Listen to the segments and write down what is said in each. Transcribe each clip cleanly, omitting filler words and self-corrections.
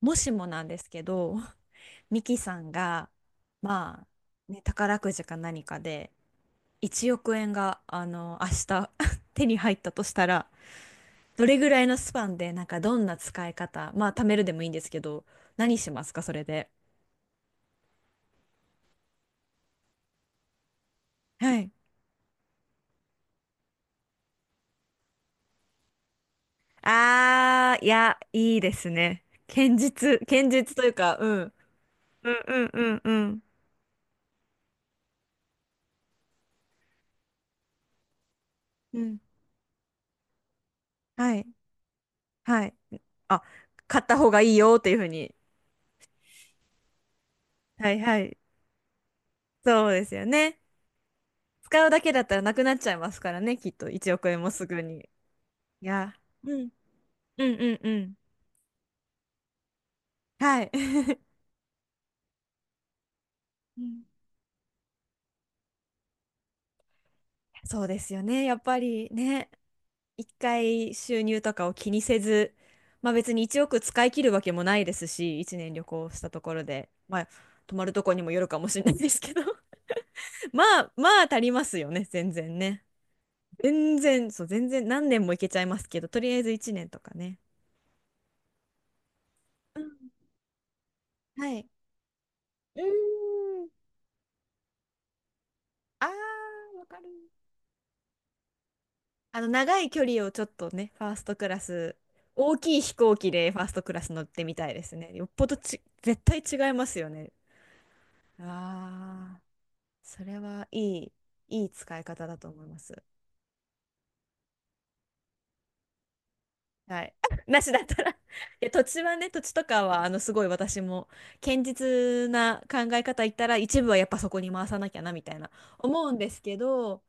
もしもなんですけど、ミキさんが、まあ、ね、宝くじか何かで、1億円が、明日 手に入ったとしたら、どれぐらいのスパンで、なんかどんな使い方、まあ、貯めるでもいいんですけど、何しますか、それで。はい。あー、いや、いいですね。堅実というか、うん。うんうんうんうん。うん。はい。はい。あ、買った方がいいよっていうふうに。はいはい。そうですよね。使うだけだったらなくなっちゃいますからね、きっと1億円もすぐに。いや、うん、うんうんうん。はい。うん、そうですよね。やっぱりね、一回収入とかを気にせず、まあ別に1億使い切るわけもないですし、1年旅行したところで、まあ泊まるとこにもよるかもしれないですけど、まあまあ足りますよね、全然ね。全然、そう、全然何年もいけちゃいますけど、とりあえず1年とかね。うん。はい。うーん、あー、わかる。長い距離をちょっとね、ファーストクラス、大きい飛行機でファーストクラス乗ってみたいですね。よっぽどち、絶対違いますよね。ああ、それはいい、いい使い方だと思います。はい。なしだったら、 いや、土地はね、土地とかは、すごい私も、堅実な考え方言ったら、一部はやっぱそこに回さなきゃな、みたいな、思うんですけど、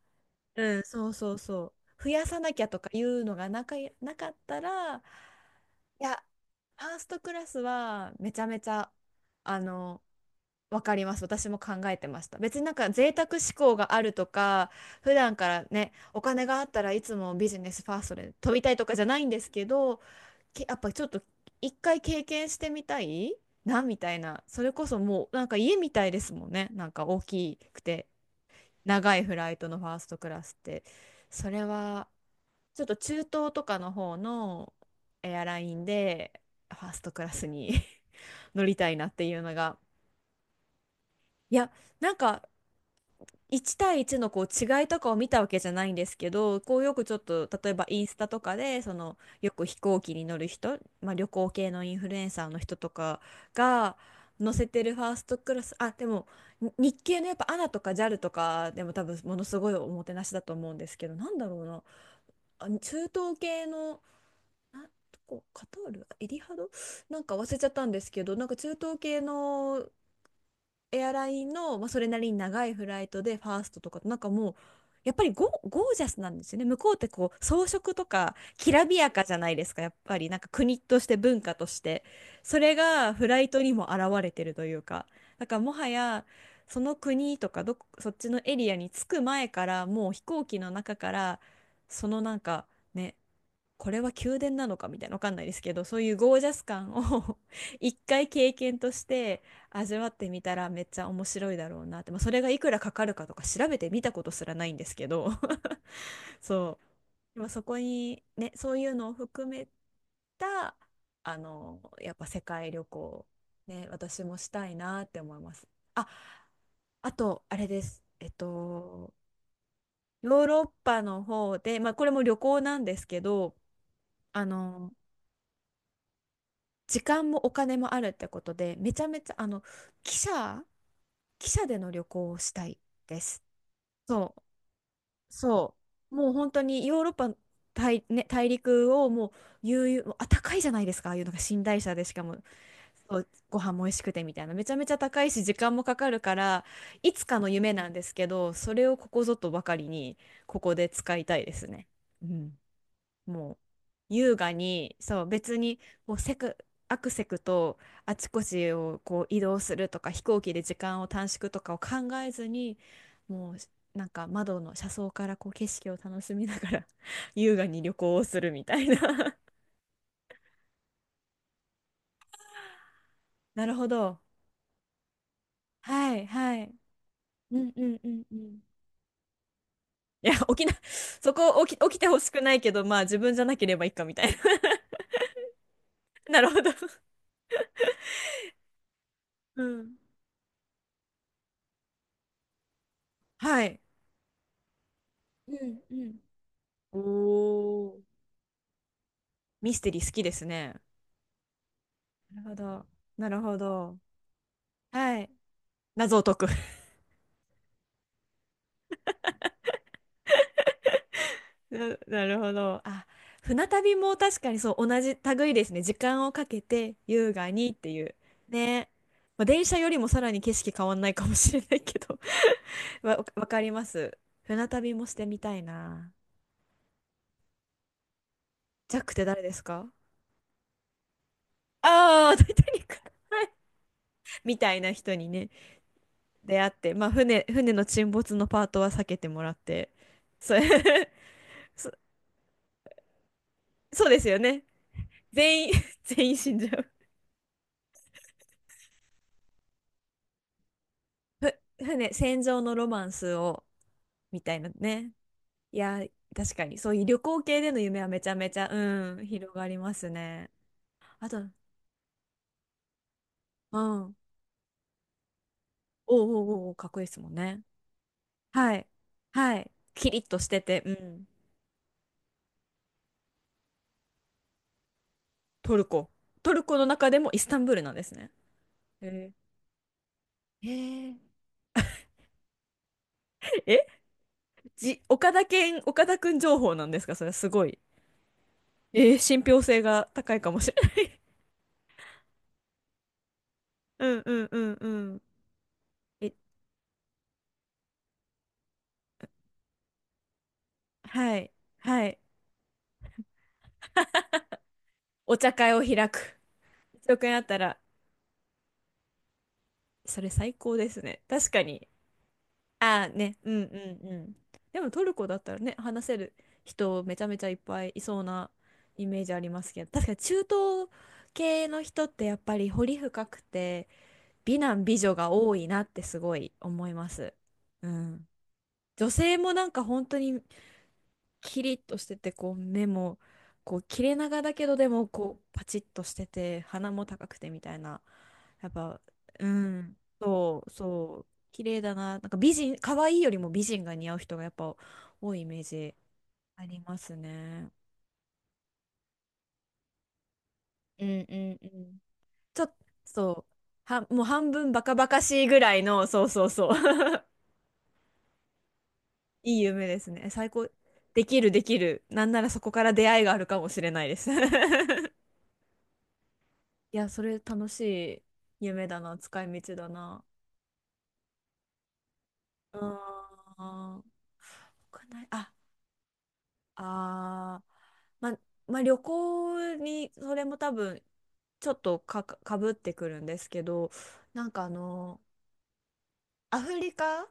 うん、そうそうそう。増やさなきゃとかいうのがなかったら、いや、ファーストクラスはめちゃめちゃ、あの、わかります。私も考えてました。別になんか贅沢志向があるとか、普段からね、お金があったらいつもビジネスファーストで飛びたいとかじゃないんですけど、やっぱちょっと一回経験してみたいな、みたいな。それこそもうなんか家みたいですもんね。なんか大きくて長いフライトのファーストクラスって。それはちょっと中東とかの方のエアラインでファーストクラスに 乗りたいなっていうのが。いや、なんか1対1のこう違いとかを見たわけじゃないんですけど、こうよくちょっと例えばインスタとかで、そのよく飛行機に乗る人、まあ、旅行系のインフルエンサーの人とかが乗せてるファーストクラス、あ、でもに日系のやっぱ ANA とか JAL とかでも多分ものすごいおもてなしだと思うんですけど、なんだろうな、あ、中東系の。あ、どこ、カタール、エリハド、なんか忘れちゃったんですけど、なんか中東系のエアラインの、まあ、それなりに長いフライトでファーストとか、なんかもうやっぱりゴージャスなんですよね、向こうって。こう装飾とかきらびやかじゃないですか、やっぱり。なんか国として文化として、それがフライトにも現れてるというか、だからもはやその国とか、どこそっちのエリアに着く前からもう飛行機の中から、そのなんかね、これは宮殿なのかみたいな、わかんないですけど、そういうゴージャス感を、 一回経験として味わってみたらめっちゃ面白いだろうなって。まあ、それがいくらかかるかとか調べてみたことすらないんですけど、 そう、まあそこにね、そういうのを含めた、やっぱ世界旅行ね、私もしたいなって思います。あ、あとあれです。ヨーロッパの方で、まあ、これも旅行なんですけど、あの時間もお金もあるってことで、めちゃめちゃ、汽車、での旅行をしたいです。そう、そう。もう本当にヨーロッパね、大陸をもう悠々、もうあ、高いじゃないですか、ああいうのが、寝台車でしかも、そう、ご飯も美味しくてみたいな。めちゃめちゃ高いし、時間もかかるから、いつかの夢なんですけど、それをここぞとばかりに、ここで使いたいですね。うん。もう優雅に、そう、別にこうせくアクセクとあちこちをこう移動するとか、飛行機で時間を短縮とかを考えずに、もうなんか窓の車窓からこう景色を楽しみながら、 優雅に旅行をするみたいな。 なるほど。はいはい。うんうんうんうん。いや、起きな、そこ起きてほしくないけど、まあ自分じゃなければいいかみたいな。なるほど。うん。はい。うんうん。おお。ミステリー好きですね。なるほど。なるほど。はい。謎を解く。 なるほど。あ、船旅も確かにそう、同じ類ですね。時間をかけて優雅にっていう。ね。まあ、電車よりもさらに景色変わんないかもしれないけど、 わかります。船旅もしてみたいな。ジャックって誰ですか？ああー、タイタニック。 みたいな人にね、出会って、まあ船の沈没のパートは避けてもらって、そう、そ、そうですよね。全員 全員死んじゃう。船戦場のロマンスをみたいなね。いや、確かにそういう旅行系での夢はめちゃめちゃ広がりますね。あと、うん、おうおうおうおう、かっこいいですもんね。はいはい、キリッとしてて、うん。トルコ。トルコの中でもイスタンブールなんですね。へえ。へえ。え、岡田くん情報なんですか？それはすごい。信憑性が高いかもしれない。うんうんうんうん。えはいはい。お茶会を開く。一億円あったら、それ最高ですね。確かに。ああね、うんうんうん。でもトルコだったらね、話せる人めちゃめちゃいっぱいいそうなイメージありますけど、確かに中東系の人ってやっぱり彫り深くて、美男美女が多いなってすごい思います。うん。女性もなんか本当にキリッとしてて、こう目も、こう切れ長だけど、でもこうパチッとしてて、鼻も高くてみたいな。やっぱ、うん、そうそう、綺麗だな。なんか美人、可愛いよりも美人が似合う人がやっぱ多いイメージありますね。うんうんうん。ちょっと、そう、もう半分バカバカしいぐらいの、そうそうそう、 いい夢ですね。最高。できるできる。なんならそこから出会いがあるかもしれないです。いや、それ楽しい夢だな、使い道だな。うー国内、あ、あー、ま、まあ、旅行に、それも多分、ちょっとか、かぶってくるんですけど、なんかアフリカ、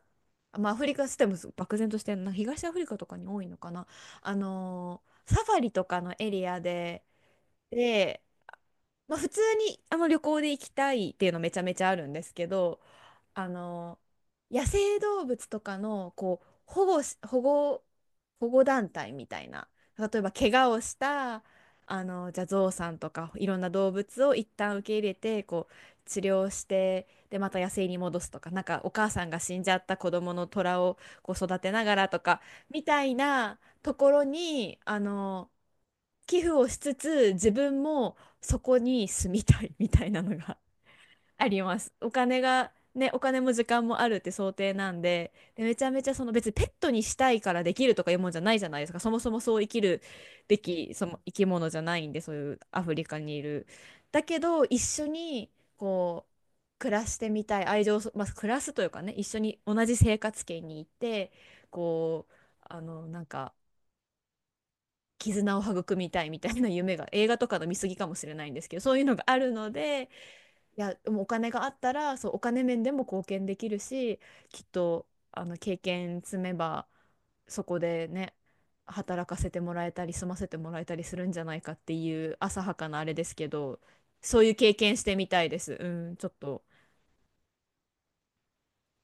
まあ、アフリカステム漠然としてるな、東アフリカとかに多いのかな。サファリとかのエリアで、で、まあ、普通に旅行で行きたいっていうのめちゃめちゃあるんですけど、あの野生動物とかのこう保護し、保護、保護団体みたいな、例えば怪我をした、じゃあゾウさんとかいろんな動物を一旦受け入れて、こう治療して、でまた野生に戻すとか、なんかお母さんが死んじゃった子供の虎をこう育てながらとか、みたいなところに寄付をしつつ、自分もそこに住みたいみたいなのがあります。お金が、ね、お金も時間もあるって想定なんで、で、めちゃめちゃ、その別にペットにしたいからできるとかいうもんじゃないじゃないですか。そもそもそう生きるべき、その生き物じゃないんで、そういうアフリカにいる。だけど、一緒にこう暮らしてみたい、愛情をまあ、暮らすというかね、一緒に同じ生活圏に行って、こう、なんか、絆を育みたいみたいな夢が、映画とかの見過ぎかもしれないんですけど、そういうのがあるので、いや、でもお金があったら、そう、お金面でも貢献できるし、きっと、経験積めば、そこでね、働かせてもらえたり、住ませてもらえたりするんじゃないかっていう浅はかなあれですけど、そういう経験してみたいです。うん、ちょっと。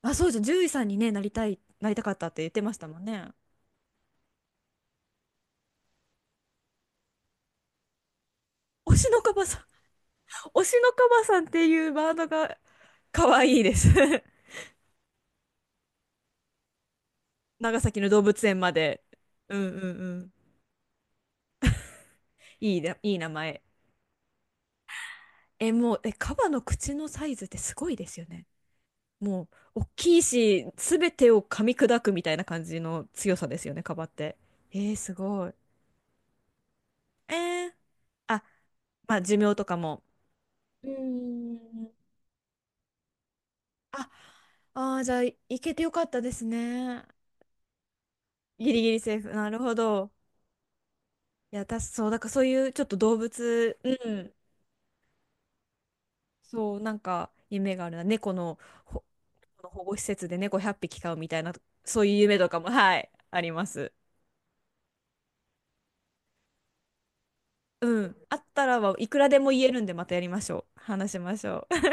あ、そうじゃん、獣医さんにね、なりたい、なりたかったって言ってましたもんね。推しのカバさん、推しのカバさんっていうワードが可愛いです。 長崎の動物園まで。うんうんうん。いいな、いい名前。え、もう、え、カバの口のサイズってすごいですよね。もう、大きいし、すべてを噛み砕くみたいな感じの強さですよね、カバって。えー、すごい。えー、あ、まあ、寿命とかも。うーん。あ、あー、じゃあ、いけてよかったですね。ギリギリセーフ。なるほど。いや、私、そう、だからそういうちょっと動物、うん、そう、なんか、夢があるな。猫の、ほ、保護施設で猫100匹飼うみたいな、そういう夢とかも、はい、あります。うん。あったらはいくらでも言えるんで、またやりましょう。話しましょう。